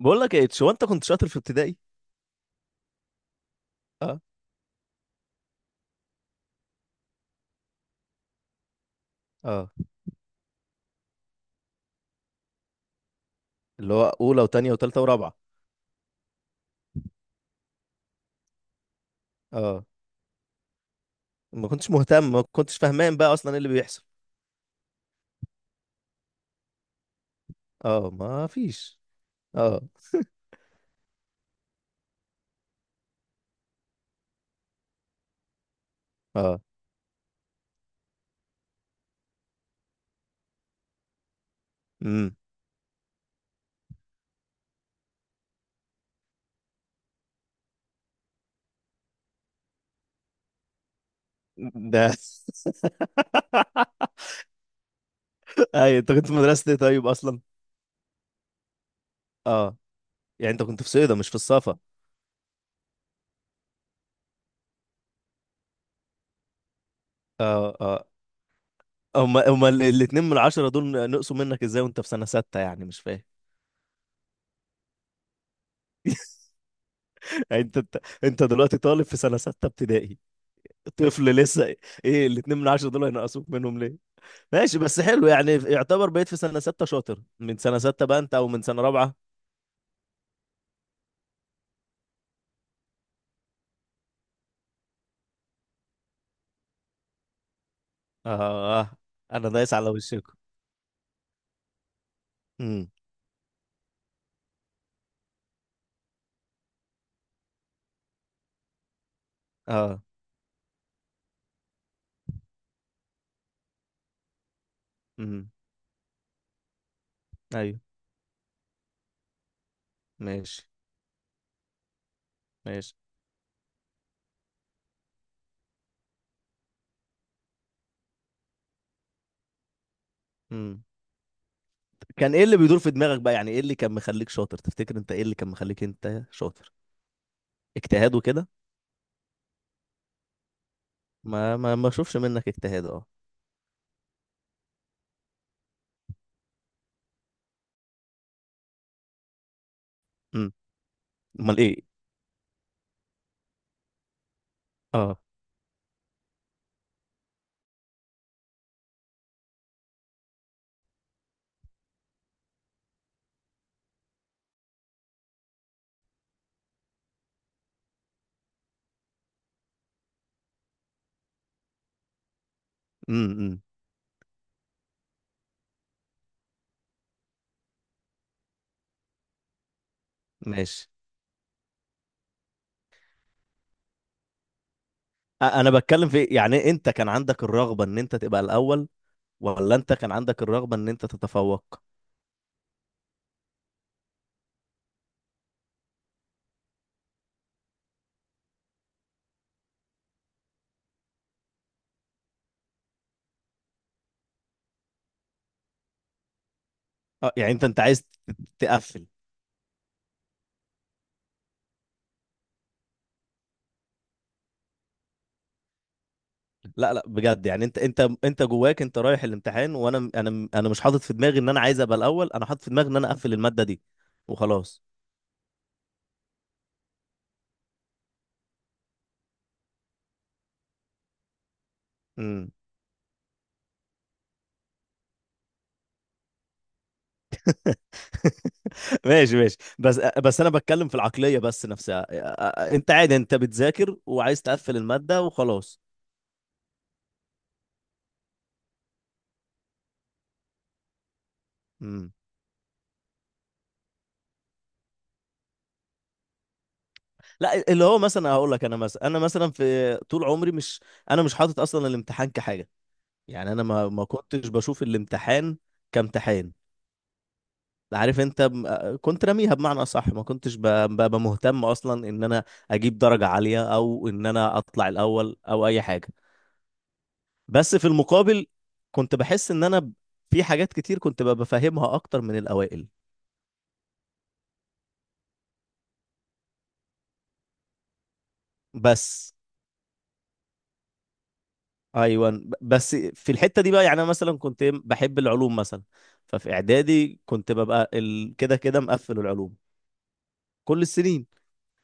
بقول لك ايه، هو انت كنت شاطر في ابتدائي؟ اه. اه. اللي هو اولى وتانية وتالتة ورابعة. اه. ما كنتش مهتم، ما كنتش فاهمان بقى اصلا ايه اللي بيحصل. اه، ما فيش. اه. اه. امم. ده. اي انت كنت في مدرسة ايه طيب اصلا؟ اه. يعني انت كنت في صيدا مش في الصفا؟ اه. اه. هما الاتنين من العشرة دول نقصوا منك ازاي وانت في سنة ستة؟ يعني مش فاهم. يعني انت، انت دلوقتي طالب في سنة ستة ابتدائي، طفل لسه. ايه الاتنين من العشرة دول هينقصوك منهم ليه؟ ماشي، بس حلو يعني. يعتبر بقيت في سنة ستة شاطر من سنة ستة بقى انت؟ او من سنة رابعة؟ اه. آه. انا دايس على وشكم. امم. اه. امم. ايوه. ماشي، ماشي. امم. كان ايه اللي بيدور في دماغك بقى؟ يعني ايه اللي كان مخليك شاطر تفتكر؟ انت ايه اللي كان مخليك انت شاطر؟ اجتهاد وكده؟ ما اشوفش منك اجتهاد، اه. امم. امال ايه؟ اه. امم. أمم. ماشي. انا بتكلم في، يعني انت كان عندك الرغبة ان انت تبقى الاول، ولا انت كان عندك الرغبة ان انت تتفوق؟ اه. يعني انت عايز تقفل؟ لا لا، بجد يعني، انت، انت جواك، انت رايح الامتحان وانا انا انا مش حاطط في دماغي ان انا عايز ابقى الاول. انا حاطط في دماغي ان انا اقفل المادة دي وخلاص. امم. ماشي، ماشي. بس انا بتكلم في العقلية بس نفسها. انت عادي، انت بتذاكر وعايز تقفل المادة وخلاص. امم. لا، اللي هو مثلا هقول لك، انا مثلا، في طول عمري مش، انا مش حاطط اصلا الامتحان كحاجة. يعني انا ما كنتش بشوف الامتحان كامتحان. عارف انت، كنت راميها بمعنى اصح. ما كنتش ببقى مهتم اصلا ان انا اجيب درجة عالية او ان انا اطلع الاول او اي حاجة. بس في المقابل كنت بحس ان انا، في حاجات كتير كنت ببقى فاهمها اكتر من الاوائل. بس. ايوه، بس في الحتة دي بقى. يعني انا مثلا كنت بحب العلوم مثلا. ففي اعدادي كنت ببقى كده كده مقفل العلوم كل السنين.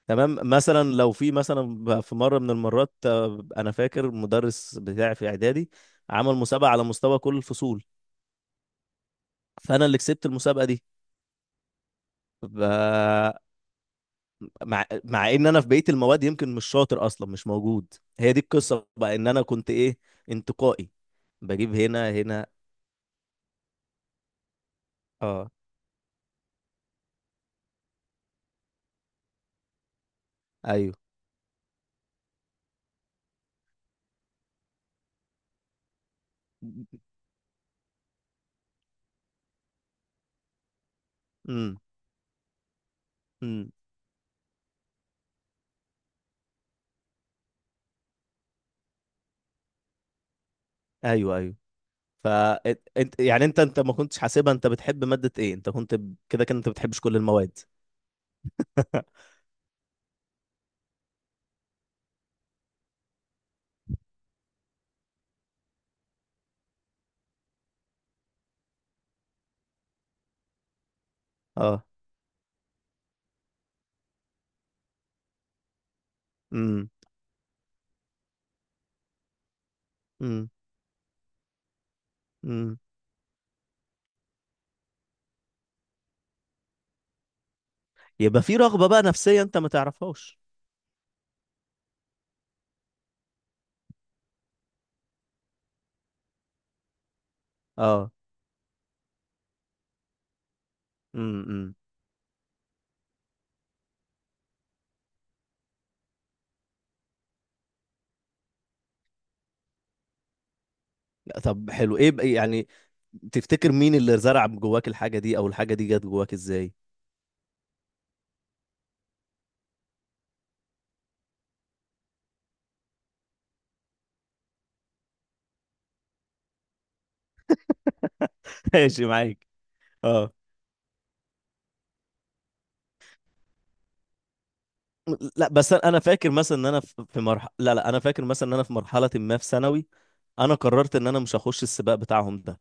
تمام. مثلا لو في مثلا، في مره من المرات، انا فاكر المدرس بتاعي في اعدادي عمل مسابقه على مستوى كل الفصول، فانا اللي كسبت المسابقه دي. ف- مع، مع ان انا في بقيه المواد يمكن مش شاطر اصلا، مش موجود. هي دي القصه بقى، ان انا كنت ايه، انتقائي. بجيب هنا هنا. اه. ايوه. امم. امم. ايوه. ايوه. ف، انت يعني، انت ما كنتش حاسبها انت بتحب ماده ايه؟ انت كنت كده كده انت بتحبش كل المواد. اه. امم. امم. امم. يبقى في رغبة بقى نفسية انت ما تعرفهاش؟ اه. امم. امم. لا، طب حلو. ايه بقى يعني تفتكر مين اللي زرع جواك الحاجة دي، او الحاجة دي جت جواك ازاي؟ ماشي معاك. اه. لا، بس انا، فاكر مثلا ان انا في، مرحله، لا لا، انا فاكر مثلا ان انا في مرحله ما في ثانوي، انا قررت ان انا مش هخش السباق بتاعهم ده.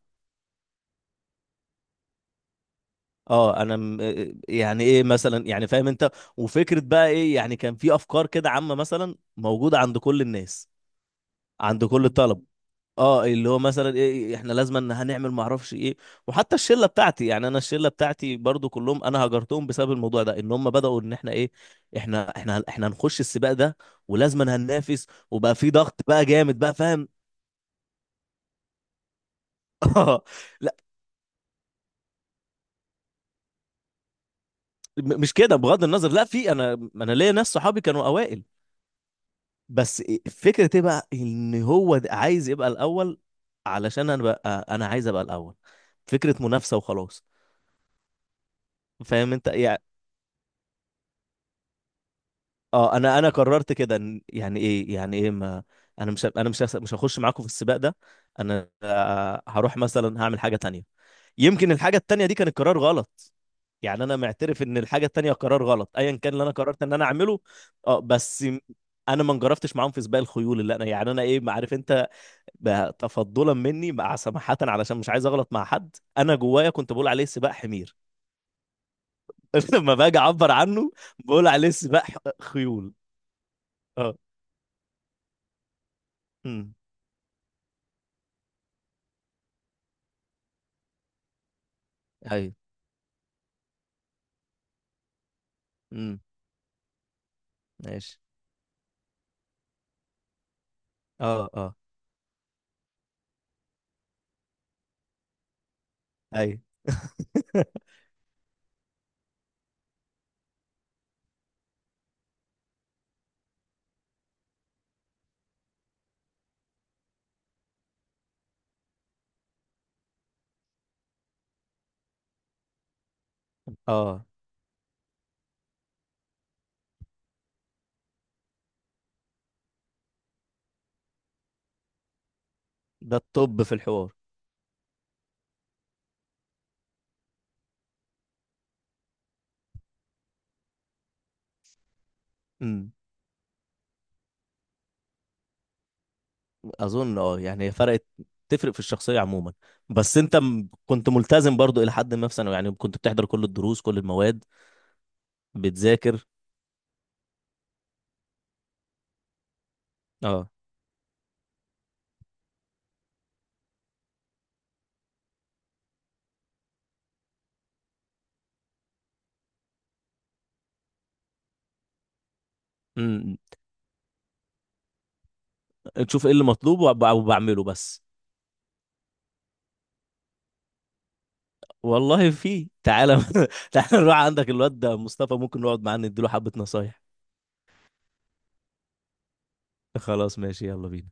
اه انا يعني ايه مثلا، يعني فاهم انت. وفكره بقى، ايه يعني، كان في افكار كده عامه مثلا موجوده عند كل الناس، عند كل الطلبه. اه، اللي هو مثلا ايه، احنا لازم ان هنعمل ما اعرفش ايه. وحتى الشله بتاعتي، يعني انا الشله بتاعتي برضو كلهم انا هجرتهم بسبب الموضوع ده، ان هم بداوا ان احنا ايه، احنا هنخش السباق ده، ولازم إن هننافس، وبقى في ضغط بقى جامد بقى، فاهم. لا، مش كده، بغض النظر. لا، في، انا، ليا ناس صحابي كانوا اوائل، بس فكره ايه بقى، ان هو ده عايز يبقى الاول، علشان انا بقى انا عايز ابقى الاول، فكره منافسه وخلاص. فاهم انت. اه، انا قررت كده يعني ايه، يعني ايه ما، انا مش، هخش معاكم في السباق ده. انا هروح مثلا هعمل حاجه تانية. يمكن الحاجه التانية دي كان القرار غلط، يعني انا معترف ان الحاجه التانية قرار غلط ايا كان اللي انا قررت ان انا اعمله. اه بس انا ما انجرفتش معاهم في سباق الخيول، اللي انا يعني انا ايه، ما عارف انت، تفضلا مني مع سماحه علشان مش عايز اغلط مع حد. انا جوايا كنت بقول عليه سباق حمير. لما باجي اعبر عنه بقول عليه سباق خيول. اه. ايوه. امم. ماشي. اه. اه. ايوه. اه، ده الطب في الحوار. امم. اظن اه، يعني هي فرقت، تفرق في الشخصيه عموما. بس انت كنت ملتزم برضو الى حد ما في ثانوي، يعني كنت بتحضر كل الدروس، كل المواد، بتذاكر. اه. امم. تشوف ايه اللي مطلوب وبعمله بس. والله في، تعالى. تعالى نروح عندك الواد ده مصطفى، ممكن نقعد معاه نديله حبه نصايح. خلاص، ماشي، يلا بينا.